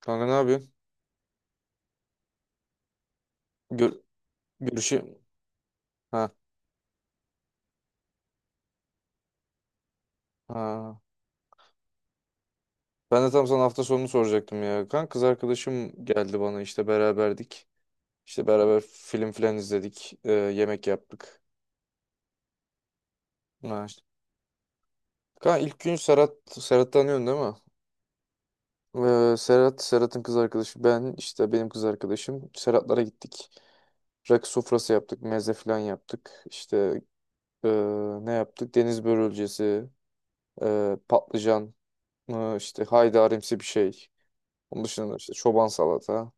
Kanka ne yapıyorsun? Gör görüşü... Ha, ha. Ben de tam sana hafta sonunu soracaktım ya. Kanka kız arkadaşım geldi bana işte beraberdik. İşte beraber film filan izledik. Yemek yaptık. Ha, işte. Kanka ilk gün Serhat tanıyorsun değil mi? Serhat'ın kız arkadaşı. Ben işte benim kız arkadaşım. Serhat'lara gittik. Rakı sofrası yaptık. Meze filan yaptık. İşte ee, ne yaptık? Deniz börülcesi, patlıcan, işte haydarimsi bir şey. Onun dışında işte çoban salata,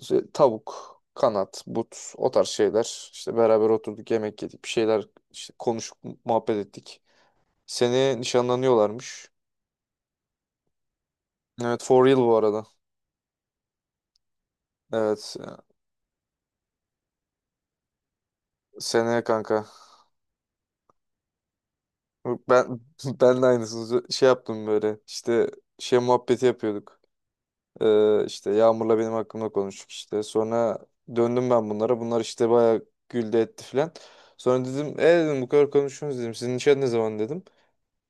işte tavuk, kanat, but o tarz şeyler. İşte beraber oturduk yemek yedik bir şeyler işte konuşup muhabbet ettik. Seneye nişanlanıyorlarmış. Evet, for real bu arada. Evet, seneye kanka. Ben ben de aynısını şey yaptım böyle İşte şey muhabbeti yapıyorduk. İşte Yağmur'la benim hakkımda konuştuk işte. Sonra döndüm ben bunlara. Bunlar işte bayağı güldü etti filan. Sonra dedim dedim bu kadar konuşuyorsunuz dedim. Sizin nişan ne zaman dedim.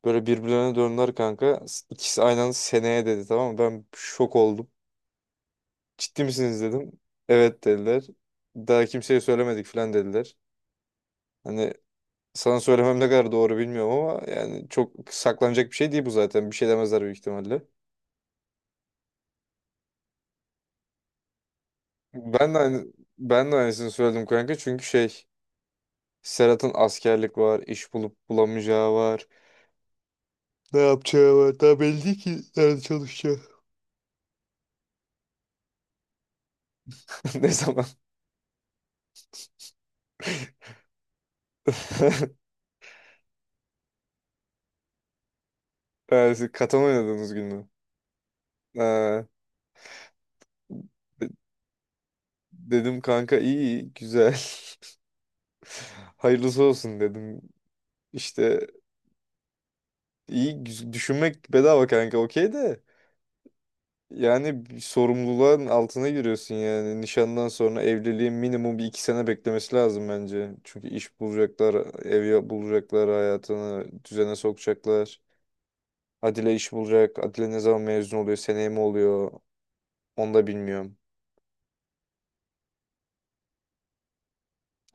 Böyle birbirlerine döndüler kanka. İkisi aynı anda seneye dedi, tamam mı? Ben şok oldum. Ciddi misiniz dedim. Evet dediler. Daha kimseye söylemedik falan dediler. Hani sana söylemem ne kadar doğru bilmiyorum ama yani çok saklanacak bir şey değil bu zaten. Bir şey demezler büyük ihtimalle. Ben de aynı, ben de aynısını söyledim kanka çünkü şey Serhat'ın askerlik var, iş bulup bulamayacağı var. Ne yapacağı var. Daha belli değil ki nerede çalışacağı. Ne zaman? Yani siz katan oynadığınız gün mü? Ha. De- Dedim kanka iyi iyi, güzel. Hayırlısı olsun dedim. İşte düşünmek bedava kanka, okey de. Yani bir sorumluluğun altına giriyorsun yani. Nişandan sonra evliliğin minimum bir iki sene beklemesi lazım bence. Çünkü iş bulacaklar, bulacaklar, hayatını düzene sokacaklar. Adile iş bulacak. Adile ne zaman mezun oluyor, seneye mi oluyor onu da bilmiyorum.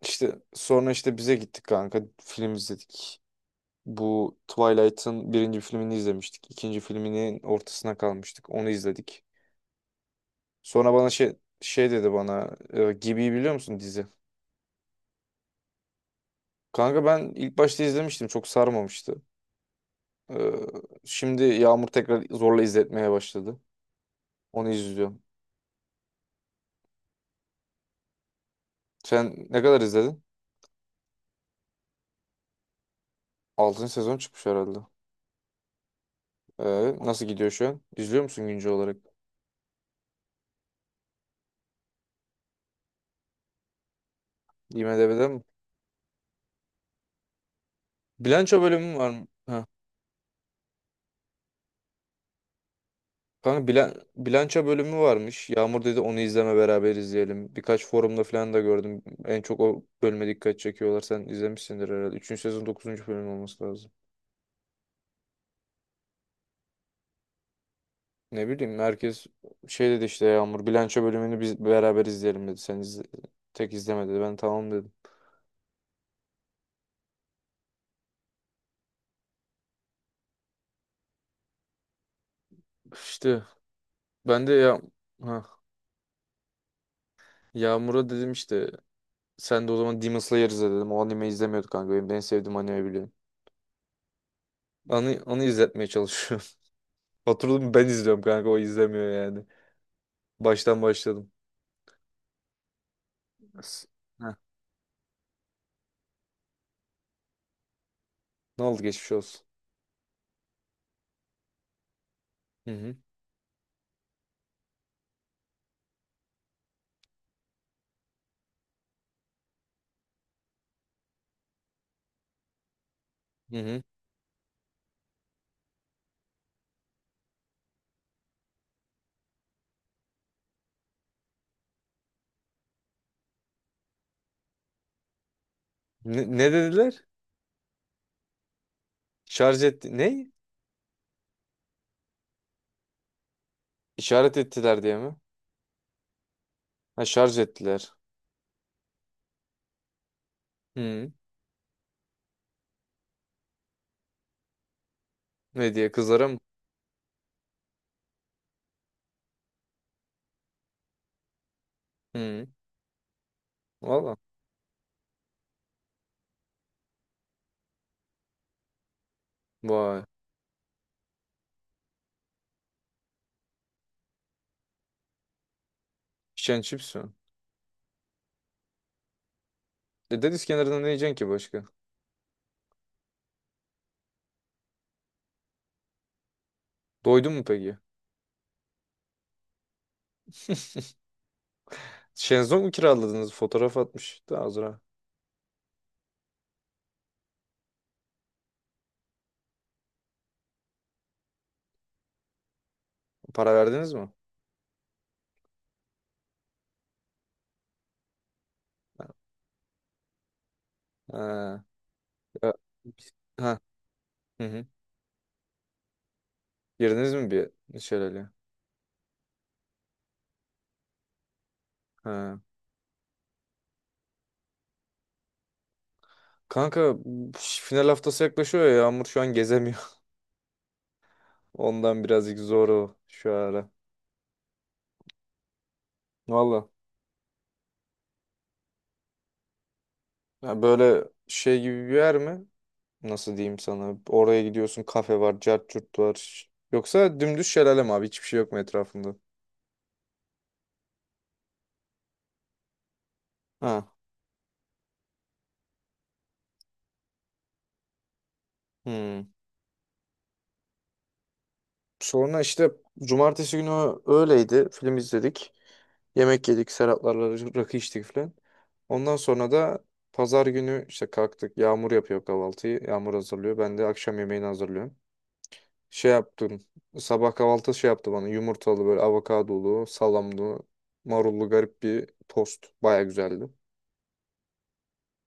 İşte sonra işte bize gittik kanka, film izledik. Bu Twilight'ın birinci filmini izlemiştik. İkinci filminin ortasına kalmıştık. Onu izledik. Sonra bana şey dedi bana, Gibi'yi biliyor musun, dizi? Kanka ben ilk başta izlemiştim. Çok sarmamıştı. E, Şimdi Yağmur tekrar zorla izletmeye başladı. Onu izliyorum. Sen ne kadar izledin? Altıncı sezon çıkmış herhalde. E, Nasıl gidiyor şu an? İzliyor musun güncel olarak? IMDb'den mi? Bilanço bölümü var mı? Ha. Kanka bilanço bölümü varmış. Yağmur dedi onu izleme, beraber izleyelim. Birkaç forumda falan da gördüm. En çok o bölüme dikkat çekiyorlar. Sen izlemişsindir herhalde. Üçüncü sezon dokuzuncu bölüm olması lazım. Ne bileyim, herkes şey dedi işte Yağmur bilanço bölümünü biz beraber izleyelim dedi. Tek izleme dedi. Ben tamam dedim. İşte ben de ya, ha, Yağmur'a dedim işte sen de o zaman Demon Slayer izle dedim. O anime izlemiyorduk kanka. Benim en sevdiğim anime, biliyorum. Onu izletmeye çalışıyorum. Oturdum ben izliyorum kanka, o izlemiyor yani. Baştan başladım. S- Heh. Ne oldu, geçmiş olsun. Hı hı. Hı hı. Ne dediler? Şarj etti. Ne? İşaret ettiler diye mi? Ha, şarj ettiler. Hı. Ne diye, kızlara mı? Hı. Valla. Vay. İçen çips mi? E, deniz kenarında ne yiyeceksin ki başka? Doydun mu peki? Şenzong mu kiraladınız? Fotoğraf atmış. Daha az para verdiniz mi? Ha. Ha. Ya- Ha. Hı hı. Girdiniz mi bir şelale? Ha. Kanka final haftası yaklaşıyor ya, Yağmur şu an gezemiyor. Ondan birazcık zor o şu ara. Valla. Ya böyle şey gibi bir yer mi? Nasıl diyeyim sana? Oraya gidiyorsun, kafe var, cart curt var. Yoksa dümdüz şelale mi abi? Hiçbir şey yok mu etrafında? Ha. Hmm. Sonra işte cumartesi günü öğleydi. Film izledik. Yemek yedik. Serhatlarla rakı içtik falan. Ondan sonra da pazar günü işte kalktık. Yağmur yapıyor kahvaltıyı. Yağmur hazırlıyor. Ben de akşam yemeğini hazırlıyorum. Şey yaptım. Sabah kahvaltı şey yaptı bana. Yumurtalı böyle avokadolu, salamlı, marullu garip bir tost. Baya güzeldi.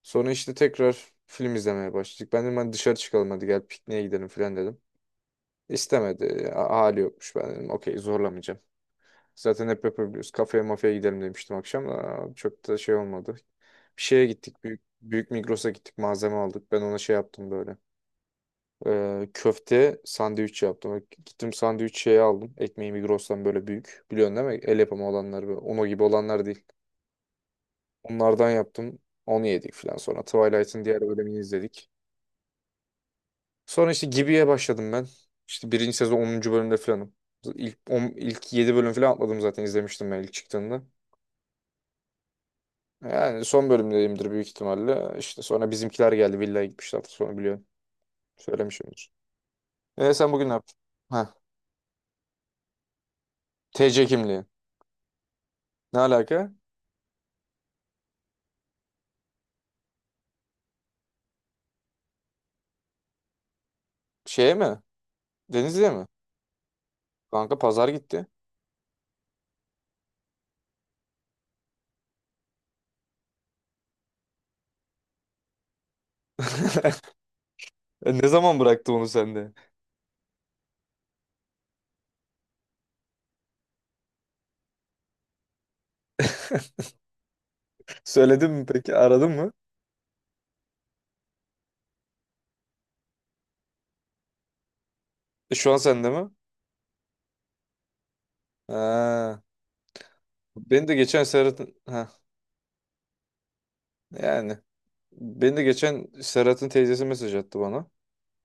Sonra işte tekrar film izlemeye başladık. Ben dedim hadi dışarı çıkalım, hadi gel pikniğe gidelim falan dedim. İstemedi. Hali yokmuş. Ben dedim okey, zorlamayacağım. Zaten hep yapabiliyoruz. Kafeye mafeye gidelim demiştim akşam. Çok da şey olmadı. Bir şeye gittik. Büyük, büyük Migros'a gittik. Malzeme aldık. Ben ona şey yaptım böyle. Köfte sandviç yaptım. Gittim sandviç şeyi aldım. Ekmeği Migros'tan böyle büyük. Biliyorsun değil mi? El yapımı olanlar böyle. Ono gibi olanlar değil. Onlardan yaptım. Onu yedik falan. Sonra Twilight'ın diğer bölümünü izledik. Sonra işte Gibi'ye başladım ben. İşte birinci sezon onuncu bölümde falanım. İlk 7 bölüm falan atladım, zaten izlemiştim ben ilk çıktığında. Yani son bölümdeyimdir büyük ihtimalle. İşte sonra bizimkiler geldi. Villaya gitmişler. Sonra biliyorum. Söylemişimdir. E, sen bugün ne yaptın? Ha. TC kimliği. Ne alaka? Şeye mi? Denizli'ye mi? Kanka pazar gitti. E, ne zaman bıraktı onu sende? Söyledin mi peki? Aradın mı? E, şu an sende mi? Ha. Beni de geçen Serhat'ın... Ha. Yani. Beni de geçen Serhat'ın teyzesi mesaj attı bana.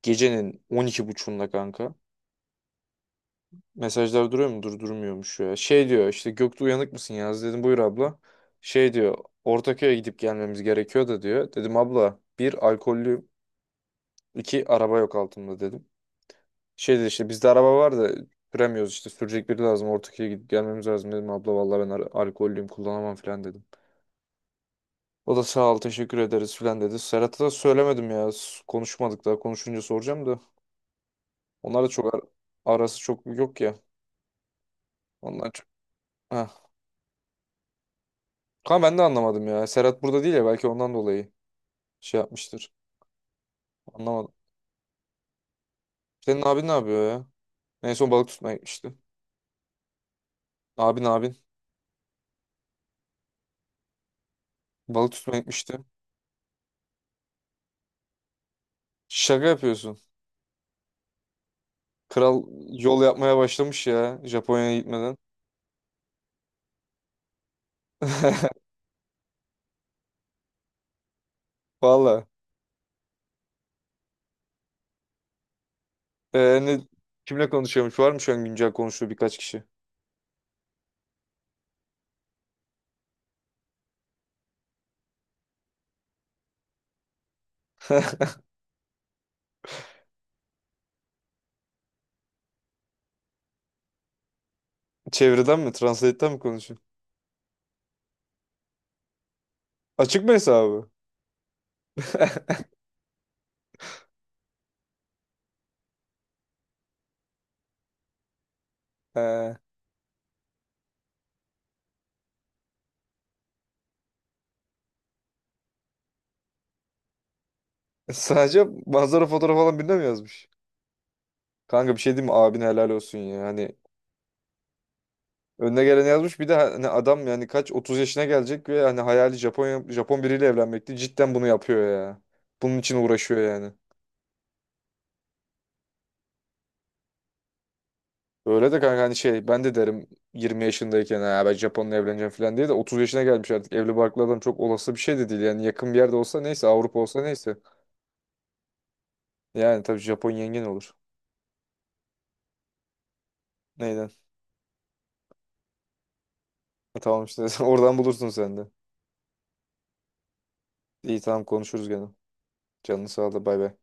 Gecenin 12.30'unda kanka. Mesajlar duruyor mu? Durmuyormuş ya. Şey diyor işte, Göktuğ uyanık mısın yaz, dedim buyur abla. Şey diyor Ortaköy'e gidip gelmemiz gerekiyor da diyor. Dedim abla, bir alkollü iki araba yok altımda dedim. Şey dedi işte, bizde araba var da süremiyoruz, işte sürecek biri lazım, Ortaköy'e gidip gelmemiz lazım, dedim abla vallahi ben alkollüyüm kullanamam falan dedim. O da sağ ol, teşekkür ederiz falan dedi. Serhat'a da söylemedim ya, konuşmadık daha, konuşunca soracağım da onlar da çok arası çok yok ya, ondan çok. Heh. Kanka ben de anlamadım ya, Serhat burada değil ya, belki ondan dolayı şey yapmıştır, anlamadım. Senin abin ne yapıyor ya? En son balık tutmaya gitmişti. Abin balık tutmaya gitmişti. Şaka yapıyorsun. Kral yol yapmaya başlamış ya Japonya'ya gitmeden. Valla. Ee, ne, kimle konuşuyormuş? Var mı şu an güncel konuştuğu birkaç kişi? Çevreden mi? Translate'den mi konuşuyor? Açık mı hesabı? Ee, sadece manzara fotoğrafı falan birine mi yazmış? Kanka bir şey diyeyim mi? Abine helal olsun ya. Hani önüne gelen yazmış. Bir de hani adam yani kaç 30 yaşına gelecek ve hani hayali Japon Japon biriyle evlenmekti. Cidden bunu yapıyor ya. Bunun için uğraşıyor yani. Öyle de kanka, hani şey ben de derim 20 yaşındayken ben Japon'la evleneceğim falan diye de 30 yaşına gelmiş artık. Evli barklı adam çok olası bir şey de değil. Yani yakın bir yerde olsa neyse, Avrupa olsa neyse. Yani tabii, Japon yengen olur. Neyden? E, tamam işte oradan bulursun sen de. İyi tamam, konuşuruz gene. Canını sağ ol da, bay bay.